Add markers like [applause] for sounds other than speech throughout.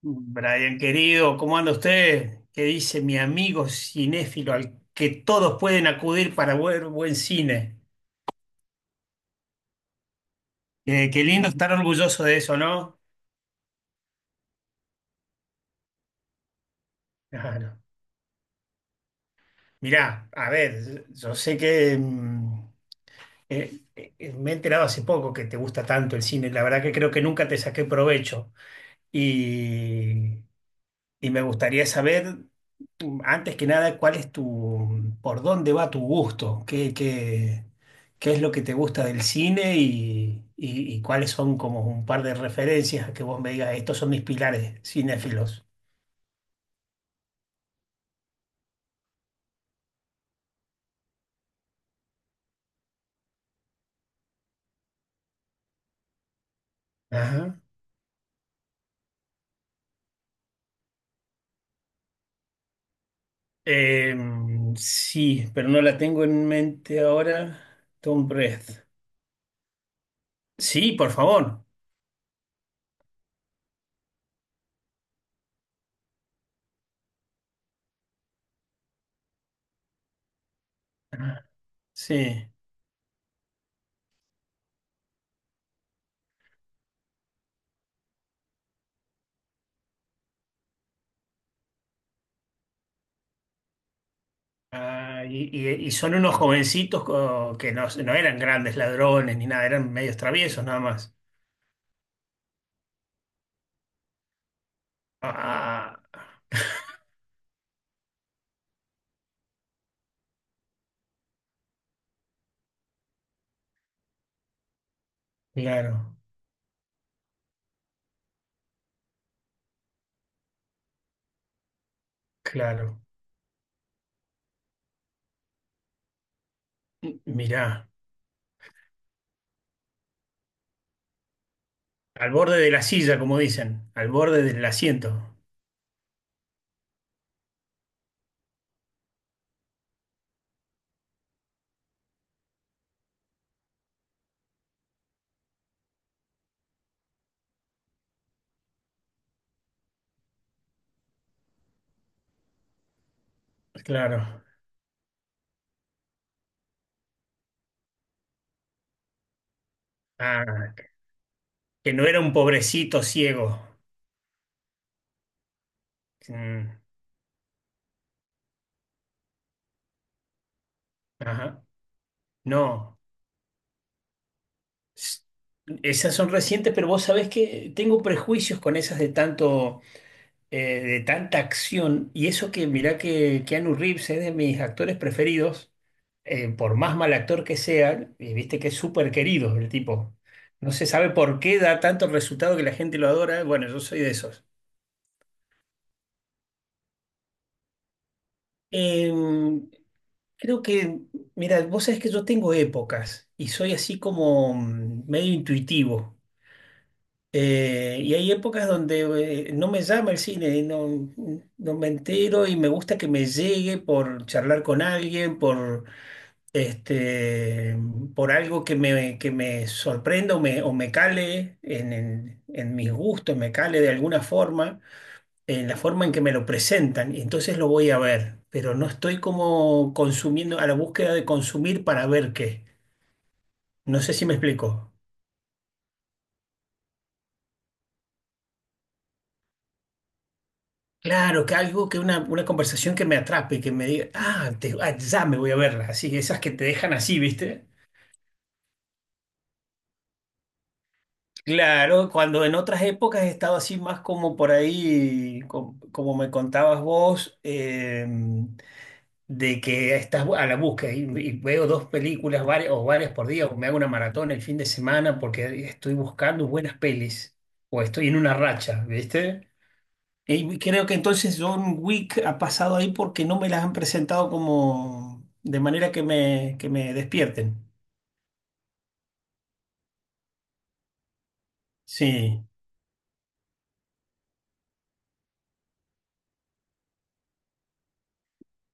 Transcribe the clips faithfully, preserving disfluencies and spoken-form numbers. Brian, querido, ¿cómo anda usted? ¿Qué dice mi amigo cinéfilo al que todos pueden acudir para ver buen cine? Eh, qué lindo estar orgulloso de eso, ¿no? Claro. Mirá, a ver, yo sé que mm, eh, eh, me he enterado hace poco que te gusta tanto el cine. La verdad que creo que nunca te saqué provecho. Y Y me gustaría saber, mm, antes que nada, cuál es tu, por dónde va tu gusto, qué, qué, qué es lo que te gusta del cine y, y- y cuáles son como un par de referencias que vos me digas, estos son mis pilares cinéfilos. Ajá. Em, sí, pero no la tengo en mente ahora. Tom Breath. Sí, por favor. Sí. Ah, y, y- y son unos jovencitos co- que no, no eran grandes ladrones ni nada, eran medios traviesos nada más. Ah, claro, claro. M- Mirá, al borde de la silla, como dicen, al borde del asiento. Claro. Ah, que no era un pobrecito ciego. Mm, ajá. No. S- Esas son recientes, pero vos sabés que tengo prejuicios con esas de tanto, eh, de tanta acción, y eso que mirá que Keanu Reeves es de mis actores preferidos, eh, por más mal actor que sea, y viste que es súper querido el tipo. No se sabe por qué da tanto resultado que la gente lo adora. Bueno, yo soy de esos. Em, Creo que, mira, vos sabés que yo tengo épocas y soy así como mm, medio intuitivo. Eh, y hay épocas donde eh, no me llama el cine, no, no me entero y me gusta que me llegue por charlar con alguien, por, este, por algo que me, que me sorprenda o me, o me cale en, en, en mis gustos, me cale de alguna forma, en la forma en que me lo presentan. Y entonces lo voy a ver, pero no estoy como consumiendo, a la búsqueda de consumir para ver qué. No sé si me explico. Claro, que algo, que una, una conversación que me atrape, que me diga, ah, te- ah, ya me voy a verla, así, esas que te dejan así, ¿viste? Claro, cuando en otras épocas he estado así más como por ahí, com- como, me contabas vos, eh, de que estás a la búsqueda y, y veo dos películas varias, o varias por día, o me hago una maratón el fin de semana porque estoy buscando buenas pelis, o estoy en una racha, ¿viste? Y creo que entonces John Wick ha pasado ahí porque no me las han presentado como de manera que me, que me despierten. Sí,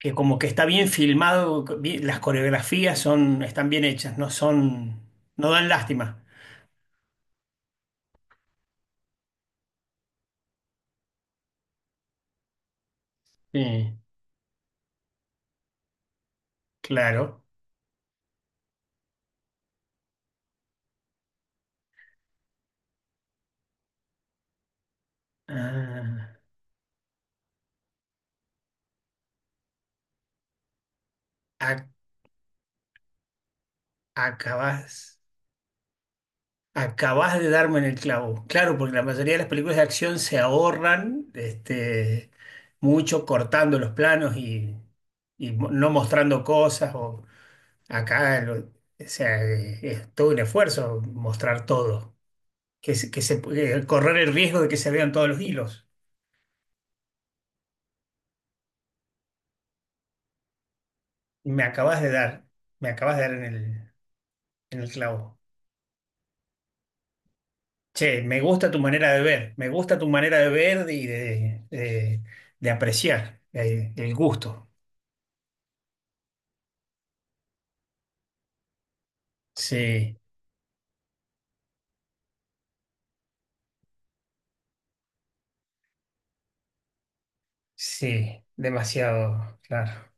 que como que está bien filmado, bien- las coreografías son, están bien hechas, no son, no dan lástima. Sí, claro. Ah, ac- acabas. Acabás de darme en el clavo. Claro, porque la mayoría de las películas de acción se ahorran este, mucho cortando los planos y, y mo- no mostrando cosas. O acá lo- o sea, eh, es todo un esfuerzo mostrar todo. Que, se, que se- eh, correr el riesgo de que se vean todos los hilos. Me acabas de dar, me acabas de dar en el, en el clavo. Che, me gusta tu manera de ver, me gusta tu manera de ver y de, de- de apreciar eh, el gusto. Sí. Sí, demasiado, claro.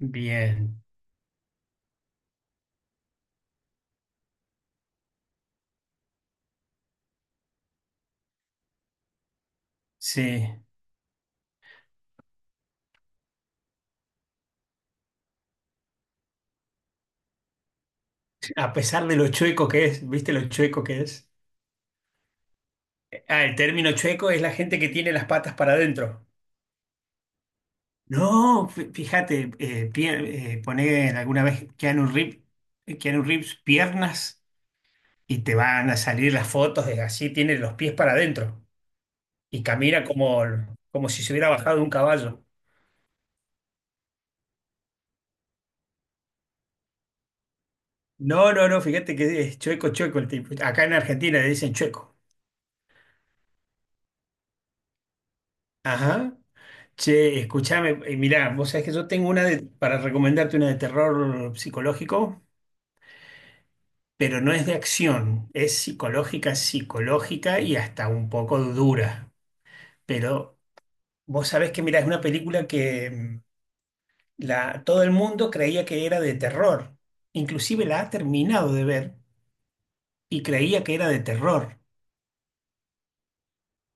Bien, sí. A pesar de lo chueco que es, ¿viste lo chueco que es? Ah, el término chueco es la gente que tiene las patas para adentro. No, fí- fíjate, eh, pie- eh, poné alguna vez Keanu Reeves, eh, Keanu Reeves piernas y te van a salir las fotos de así, tiene los pies para adentro y camina como, como si se hubiera bajado de un caballo. No, no, no, fíjate que es chueco, chueco el tipo. Acá en Argentina le dicen chueco. Ajá. Che, escúchame, eh, mirá, vos sabés que yo tengo una de- para recomendarte una de terror psicológico, pero no es de acción, es psicológica, psicológica y hasta un poco dura. Pero vos sabés que, mirá, es una película que mm, la, todo el mundo creía que era de terror, inclusive la ha terminado de ver y creía que era de terror.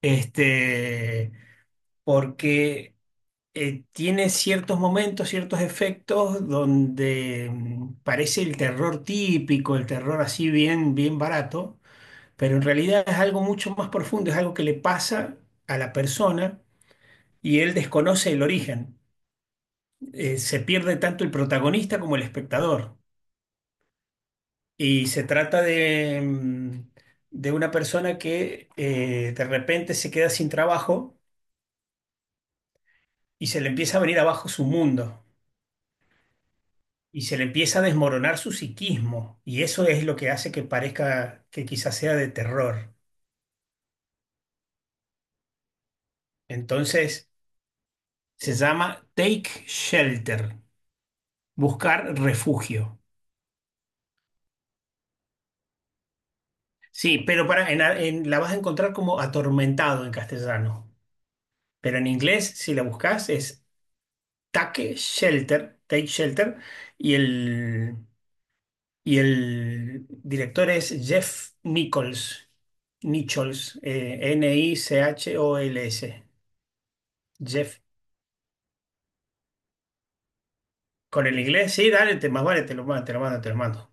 Este, Porque eh, tiene ciertos momentos, ciertos efectos donde mm, parece el terror típico, el terror así bien, bien barato, pero en realidad es algo mucho más profundo, es algo que le pasa a la persona y él desconoce el origen. Eh, se pierde tanto el protagonista como el espectador. Y se trata de, mm, de una persona que eh, de repente se queda sin trabajo y se le empieza a venir abajo su mundo. Y se le empieza a desmoronar su psiquismo, y eso es lo que hace que parezca que quizás sea de terror. Entonces, se llama Take Shelter, buscar refugio. Sí, pero para, en, a- en- la vas a encontrar como atormentado en castellano, pero en inglés, si la buscas, es Take Shelter, Take Shelter, y el, y el director es Jeff Nichols. Nichols, eh, N I C H O L S. Jeff. Con el inglés, sí, dale, te, más vale, te lo, ma- te lo mando, te lo mando.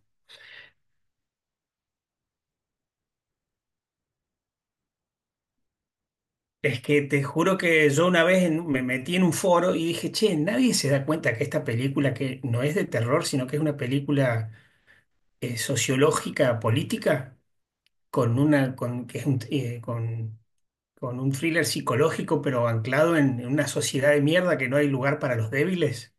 Es que te juro que yo una vez en- me metí en un foro y dije, che, nadie se da cuenta que esta película que no es de terror, sino que es una película eh, sociológica, política, con una, con, que es un, eh, con, con un thriller psicológico, pero anclado en, en una sociedad de mierda que no hay lugar para los débiles.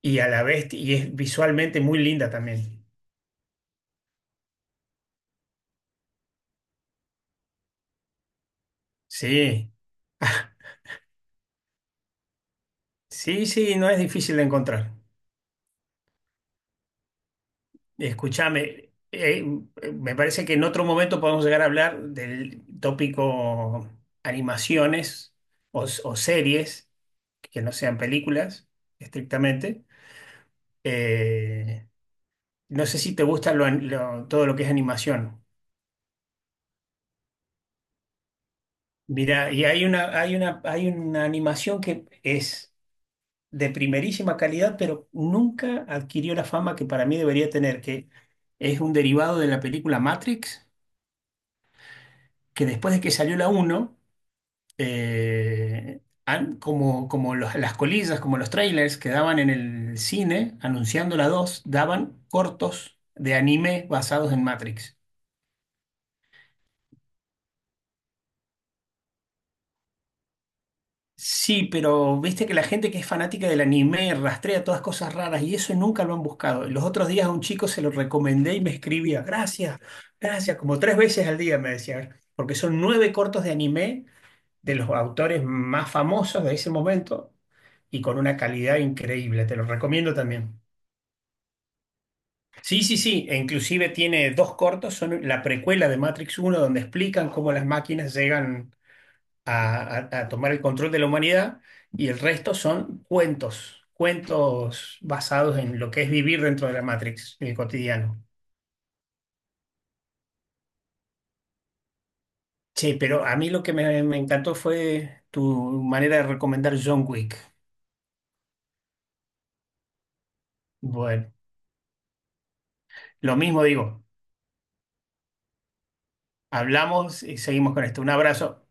Y a la vez, y es visualmente muy linda también. Sí, [laughs] sí, sí, no es difícil de encontrar. Escúchame, eh, me parece que en otro momento podemos llegar a hablar del tópico animaciones o, s- o series que no sean películas estrictamente. Eh, no sé si te gusta lo an- lo- todo lo que es animación. Mira, y hay una, hay una, hay una animación que es de primerísima calidad, pero nunca adquirió la fama que para mí debería tener, que es un derivado de la película Matrix, que después de que salió la uno eh, an- como, como los- las colillas, como los trailers que daban en el cine anunciando la dos, daban cortos de anime basados en Matrix. Sí, pero viste que la gente que es fanática del anime rastrea todas cosas raras y eso nunca lo han buscado. Los otros días a un chico se lo recomendé y me escribía, gracias, gracias, como tres veces al día me decía, porque son nueve cortos de anime de los autores más famosos de ese momento y con una calidad increíble. Te lo recomiendo también. Sí, sí, sí, e inclusive tiene dos cortos, son la precuela de Matrix uno, donde explican cómo las máquinas llegan a, a- a tomar el control de la humanidad, y el resto son cuentos, cuentos basados en lo que es vivir dentro de la Matrix, en el cotidiano. Che, pero a mí lo que me, me encantó fue tu manera de recomendar John Wick. Bueno, lo mismo digo, hablamos y seguimos con esto. Un abrazo.